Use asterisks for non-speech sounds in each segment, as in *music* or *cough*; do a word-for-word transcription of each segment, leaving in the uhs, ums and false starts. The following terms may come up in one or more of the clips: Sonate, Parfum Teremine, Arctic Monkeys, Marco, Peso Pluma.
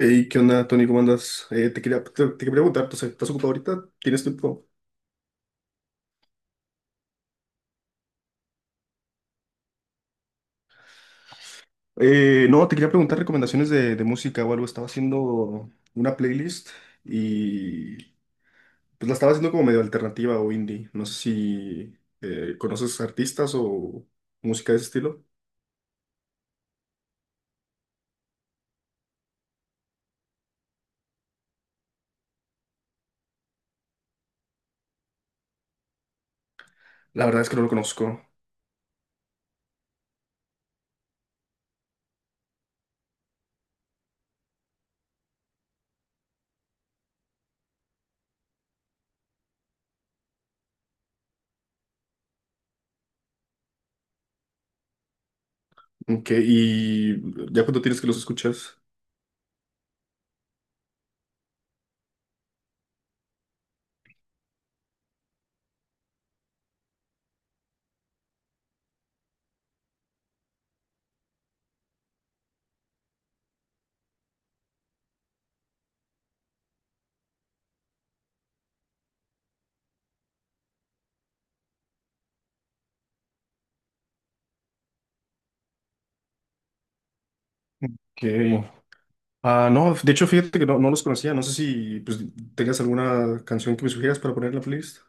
Hey, ¿qué onda, Tony? ¿Cómo andas? Eh, te quería, te, te quería preguntar, ¿tú estás ocupado ahorita? ¿Tienes tiempo? Eh, no, Te quería preguntar recomendaciones de, de música o algo. Estaba haciendo una playlist y pues la estaba haciendo como medio alternativa o indie. No sé si eh, conoces artistas o música de ese estilo. La verdad es que no lo conozco. Ok, ¿y ya cuánto tienes que los escuchas? Que Ah, no, de hecho, fíjate que no, no los conocía. No sé si pues tengas alguna canción que me sugieras para poner en la playlist.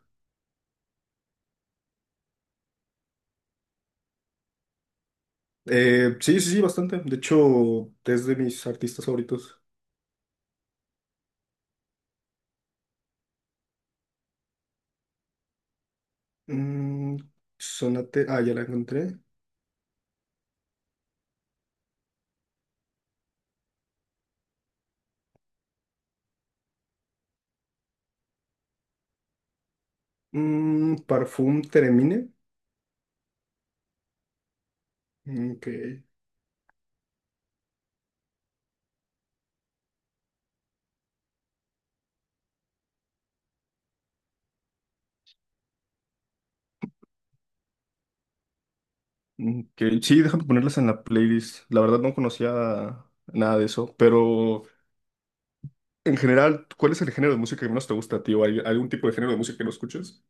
Eh, sí, sí, sí, bastante. De hecho, es de mis artistas favoritos. Mm, Sonate. Ah, ya la encontré. Mm, Parfum Teremine. Ok. Ok, sí, déjame ponerlas en la playlist. La verdad no conocía nada de eso, pero en general, ¿cuál es el género de música que menos te gusta, tío? ¿Hay algún tipo de género de música que no escuches?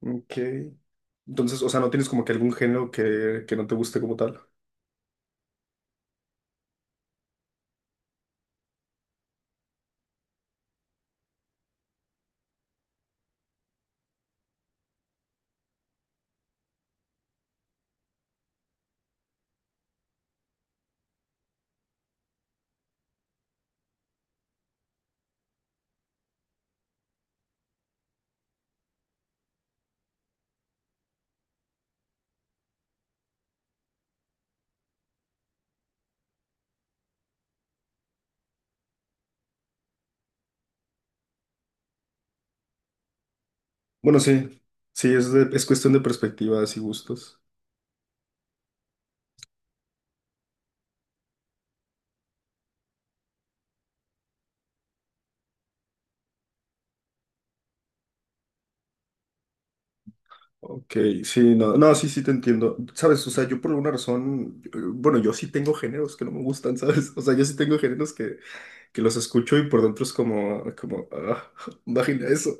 Ok. Entonces, o sea, no tienes como que algún género que, que no te guste como tal. Bueno, sí, sí, es, de- es cuestión de perspectivas y gustos. Ok, sí, no, no, sí, sí te entiendo. Sabes, o sea, yo por alguna razón, eh, bueno, yo sí tengo géneros que no me gustan, *laughs* ¿sabes? O sea, yo sí tengo géneros que, que los escucho y por dentro es como, como, ah, *laughs* imagina eso.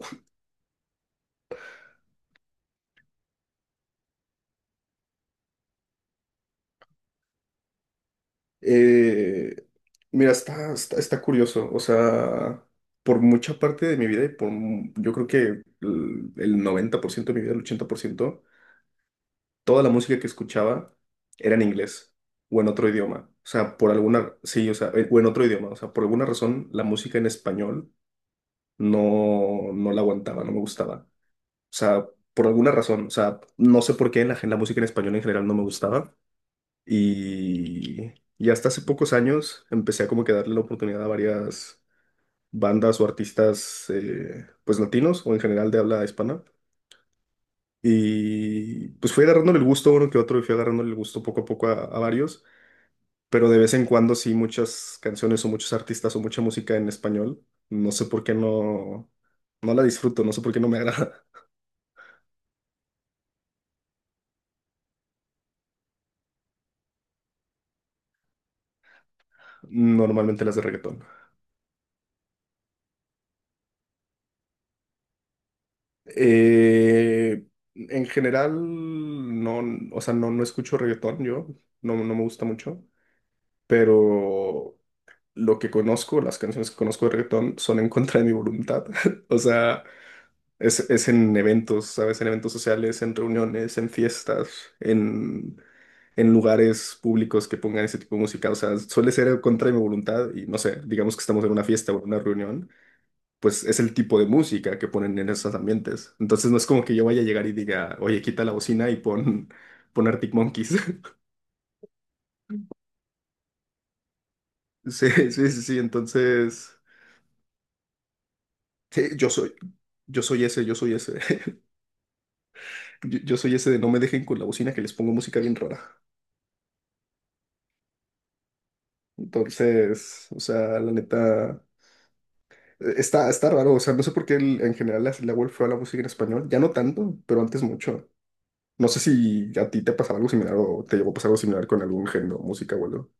Eh, mira, está, está, está curioso, o sea, por mucha parte de mi vida y por, mu- yo creo que el, el noventa por ciento de mi vida, el ochenta por ciento, toda la música que escuchaba era en inglés o en otro idioma. O sea, por alguna, sí, o sea, eh, o en otro idioma. O sea, por alguna razón la música en español no, no la aguantaba, no me gustaba. O sea, por alguna razón, o sea, no sé por qué la, gen- la música en español en general no me gustaba. Y y hasta hace pocos años empecé a como que darle la oportunidad a varias bandas o artistas, eh, pues latinos o en general de habla hispana. Y pues fui agarrándole el gusto a uno que otro y fui agarrándole el gusto poco a poco a, a varios, pero de vez en cuando sí muchas canciones o muchos artistas o mucha música en español, no sé por qué no, no la disfruto, no sé por qué no me agrada. *laughs* Normalmente las de reggaetón. Eh, en general, no, o sea, no, no escucho reggaetón yo, no, no me gusta mucho, pero lo que conozco, las canciones que conozco de reggaetón son en contra de mi voluntad. *laughs* O sea, Es, es en eventos, ¿sabes? En eventos sociales, en reuniones, en fiestas, en, en lugares públicos que pongan ese tipo de música. O sea, suele ser contra mi voluntad y no sé, digamos que estamos en una fiesta o en una reunión, pues es el tipo de música que ponen en esos ambientes. Entonces no es como que yo vaya a llegar y diga, oye, quita la bocina y pon, pon Arctic Monkeys. *laughs* Sí, sí, sí, sí. Entonces, sí, yo soy, yo soy ese, yo soy ese. *laughs* Yo, yo soy ese de no me dejen con la bocina que les pongo música bien rara. Entonces, o sea, la neta, eh, está, está raro, o sea, no sé por qué el- en general le le ha a la música en español, ya no tanto, pero antes mucho. No sé si a ti te pasaba algo similar o te llegó a pasar algo similar con algún género, música o algo.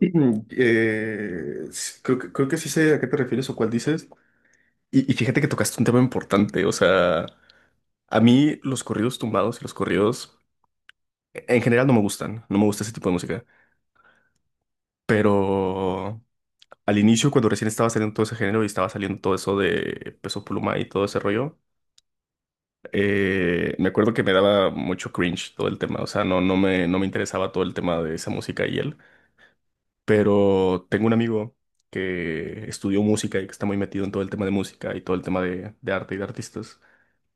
Mm, *clears throat* Eh, s- creo que, creo que sí sé a qué te refieres o cuál dices. Y y fíjate que tocaste un tema importante. O sea, a mí los corridos tumbados y los corridos en general no me gustan. No me gusta ese tipo de música. Pero al inicio, cuando recién estaba saliendo todo ese género y estaba saliendo todo eso de Peso Pluma y todo ese rollo, eh, me acuerdo que me daba mucho cringe todo el tema. O sea, no, no me, no me interesaba todo el tema de esa música y él. Pero tengo un amigo que estudió música y que está muy metido en todo el tema de música y todo el tema de, de arte y de artistas.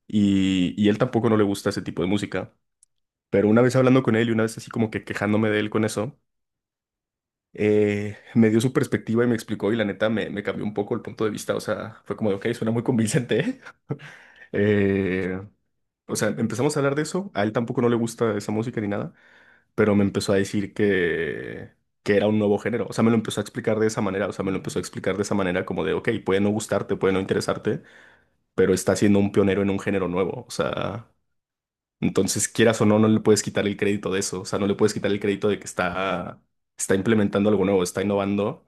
Y y él tampoco no le gusta ese tipo de música. Pero una vez hablando con él y una vez así como que quejándome de él con eso, eh, me dio su perspectiva y me explicó y la neta me, me cambió un poco el punto de vista, o sea, fue como de, ok, suena muy convincente, ¿eh? *laughs* Eh, o sea, empezamos a hablar de eso, a él tampoco no le gusta esa música ni nada, pero me empezó a decir que, que era un nuevo género, o sea, me lo empezó a explicar de esa manera, o sea, me lo empezó a explicar de esa manera como de, ok, puede no gustarte, puede no interesarte, pero está siendo un pionero en un género nuevo, o sea... Entonces, quieras o no, no le puedes quitar el crédito de eso. O sea, no le puedes quitar el crédito de que está, está implementando algo nuevo, está innovando.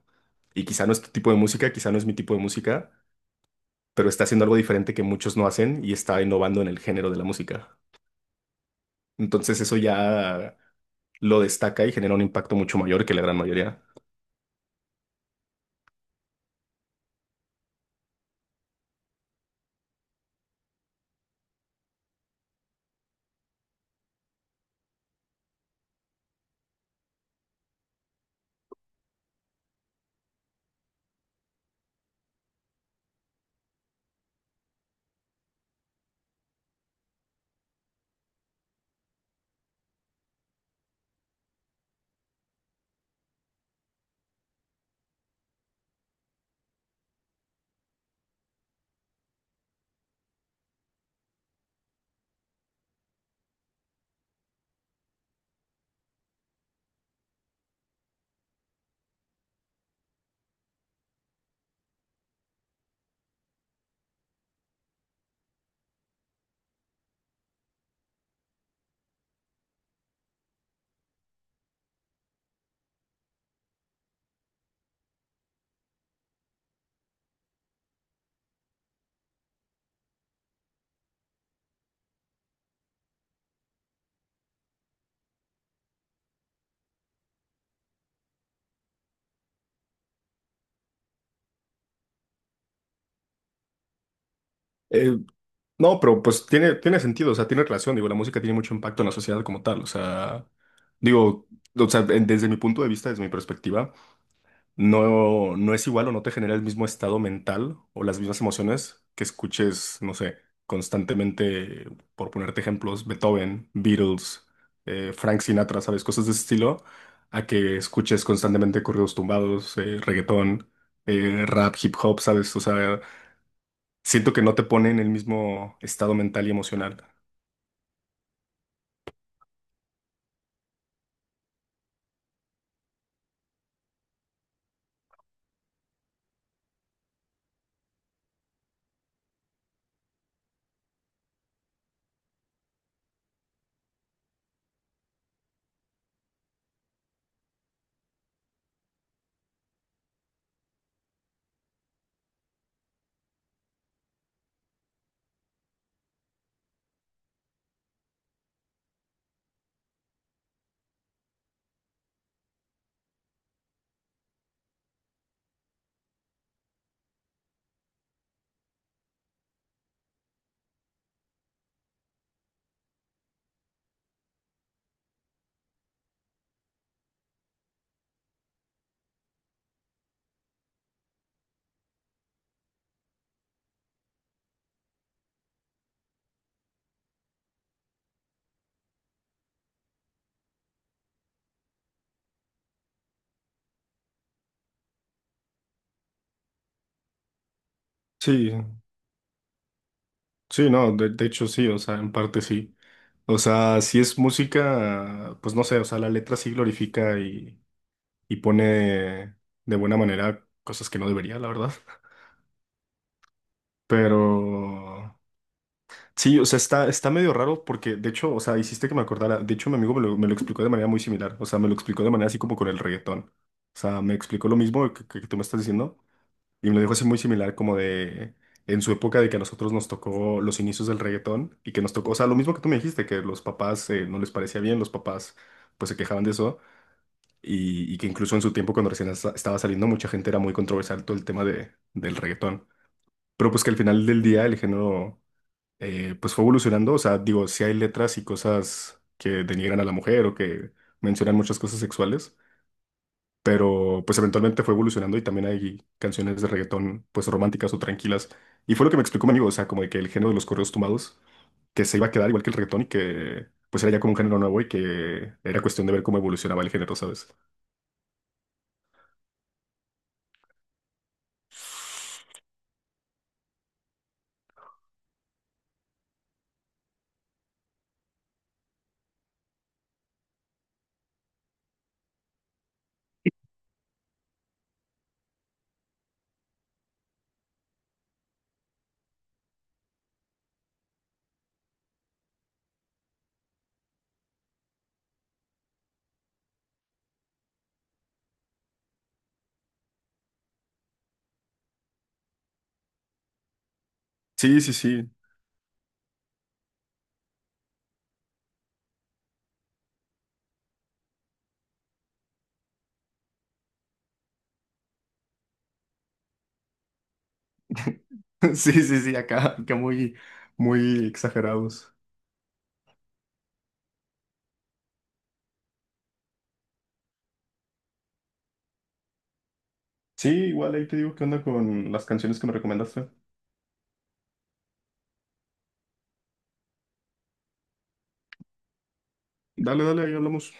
Y quizá no es tu tipo de música, quizá no es mi tipo de música, pero está haciendo algo diferente que muchos no hacen y está innovando en el género de la música. Entonces, eso ya lo destaca y genera un impacto mucho mayor que la gran mayoría. Eh, no, pero pues tiene, tiene sentido, o sea, tiene relación, digo, la música tiene mucho impacto en la sociedad como tal, o sea, digo, o sea, en- desde mi punto de vista, desde mi perspectiva, no, no es igual o no te genera el mismo estado mental o las mismas emociones que escuches, no sé, constantemente, por ponerte ejemplos, Beethoven, Beatles, eh, Frank Sinatra, ¿sabes? Cosas de ese estilo, a que escuches constantemente corridos tumbados, eh, reggaetón, eh, rap, hip hop, ¿sabes? O sea, siento que no te pone en el mismo estado mental y emocional. Sí, sí, no, de, de hecho sí, o sea, en parte sí. O sea, si es música, pues no sé, o sea, la letra sí glorifica y y pone de buena manera cosas que no debería, la verdad. *laughs* Pero sí, o sea, está, está medio raro porque, de hecho, o sea, hiciste que me acordara. De hecho, mi amigo me lo, me lo explicó de manera muy similar. O sea, me lo explicó de manera así como con el reggaetón. O sea, me explicó lo mismo que, que tú me estás diciendo y me lo dijo así muy similar como de en su época de que a nosotros nos tocó los inicios del reggaetón y que nos tocó, o sea, lo mismo que tú me dijiste, que los papás eh, no les parecía bien, los papás pues se quejaban de eso, y, y que incluso en su tiempo cuando recién esta- estaba saliendo mucha gente era muy controversial todo el tema de, del reggaetón. Pero pues que al final del día el género eh, pues fue evolucionando, o sea, digo, sí hay letras y cosas que denigran a la mujer o que mencionan muchas cosas sexuales, pero pues eventualmente fue evolucionando y también hay canciones de reggaetón pues románticas o tranquilas. Y fue lo que me explicó mi amigo, o sea, como de que el género de los correos tumbados que se iba a quedar igual que el reggaetón y que pues era ya como un género nuevo y que era cuestión de ver cómo evolucionaba el género, ¿sabes? Sí, sí, sí. *laughs* Sí, sí, sí, acá, acá muy, muy exagerados. Sí, igual ahí te digo qué onda con las canciones que me recomendaste. Dale, dale, ahí hablamos.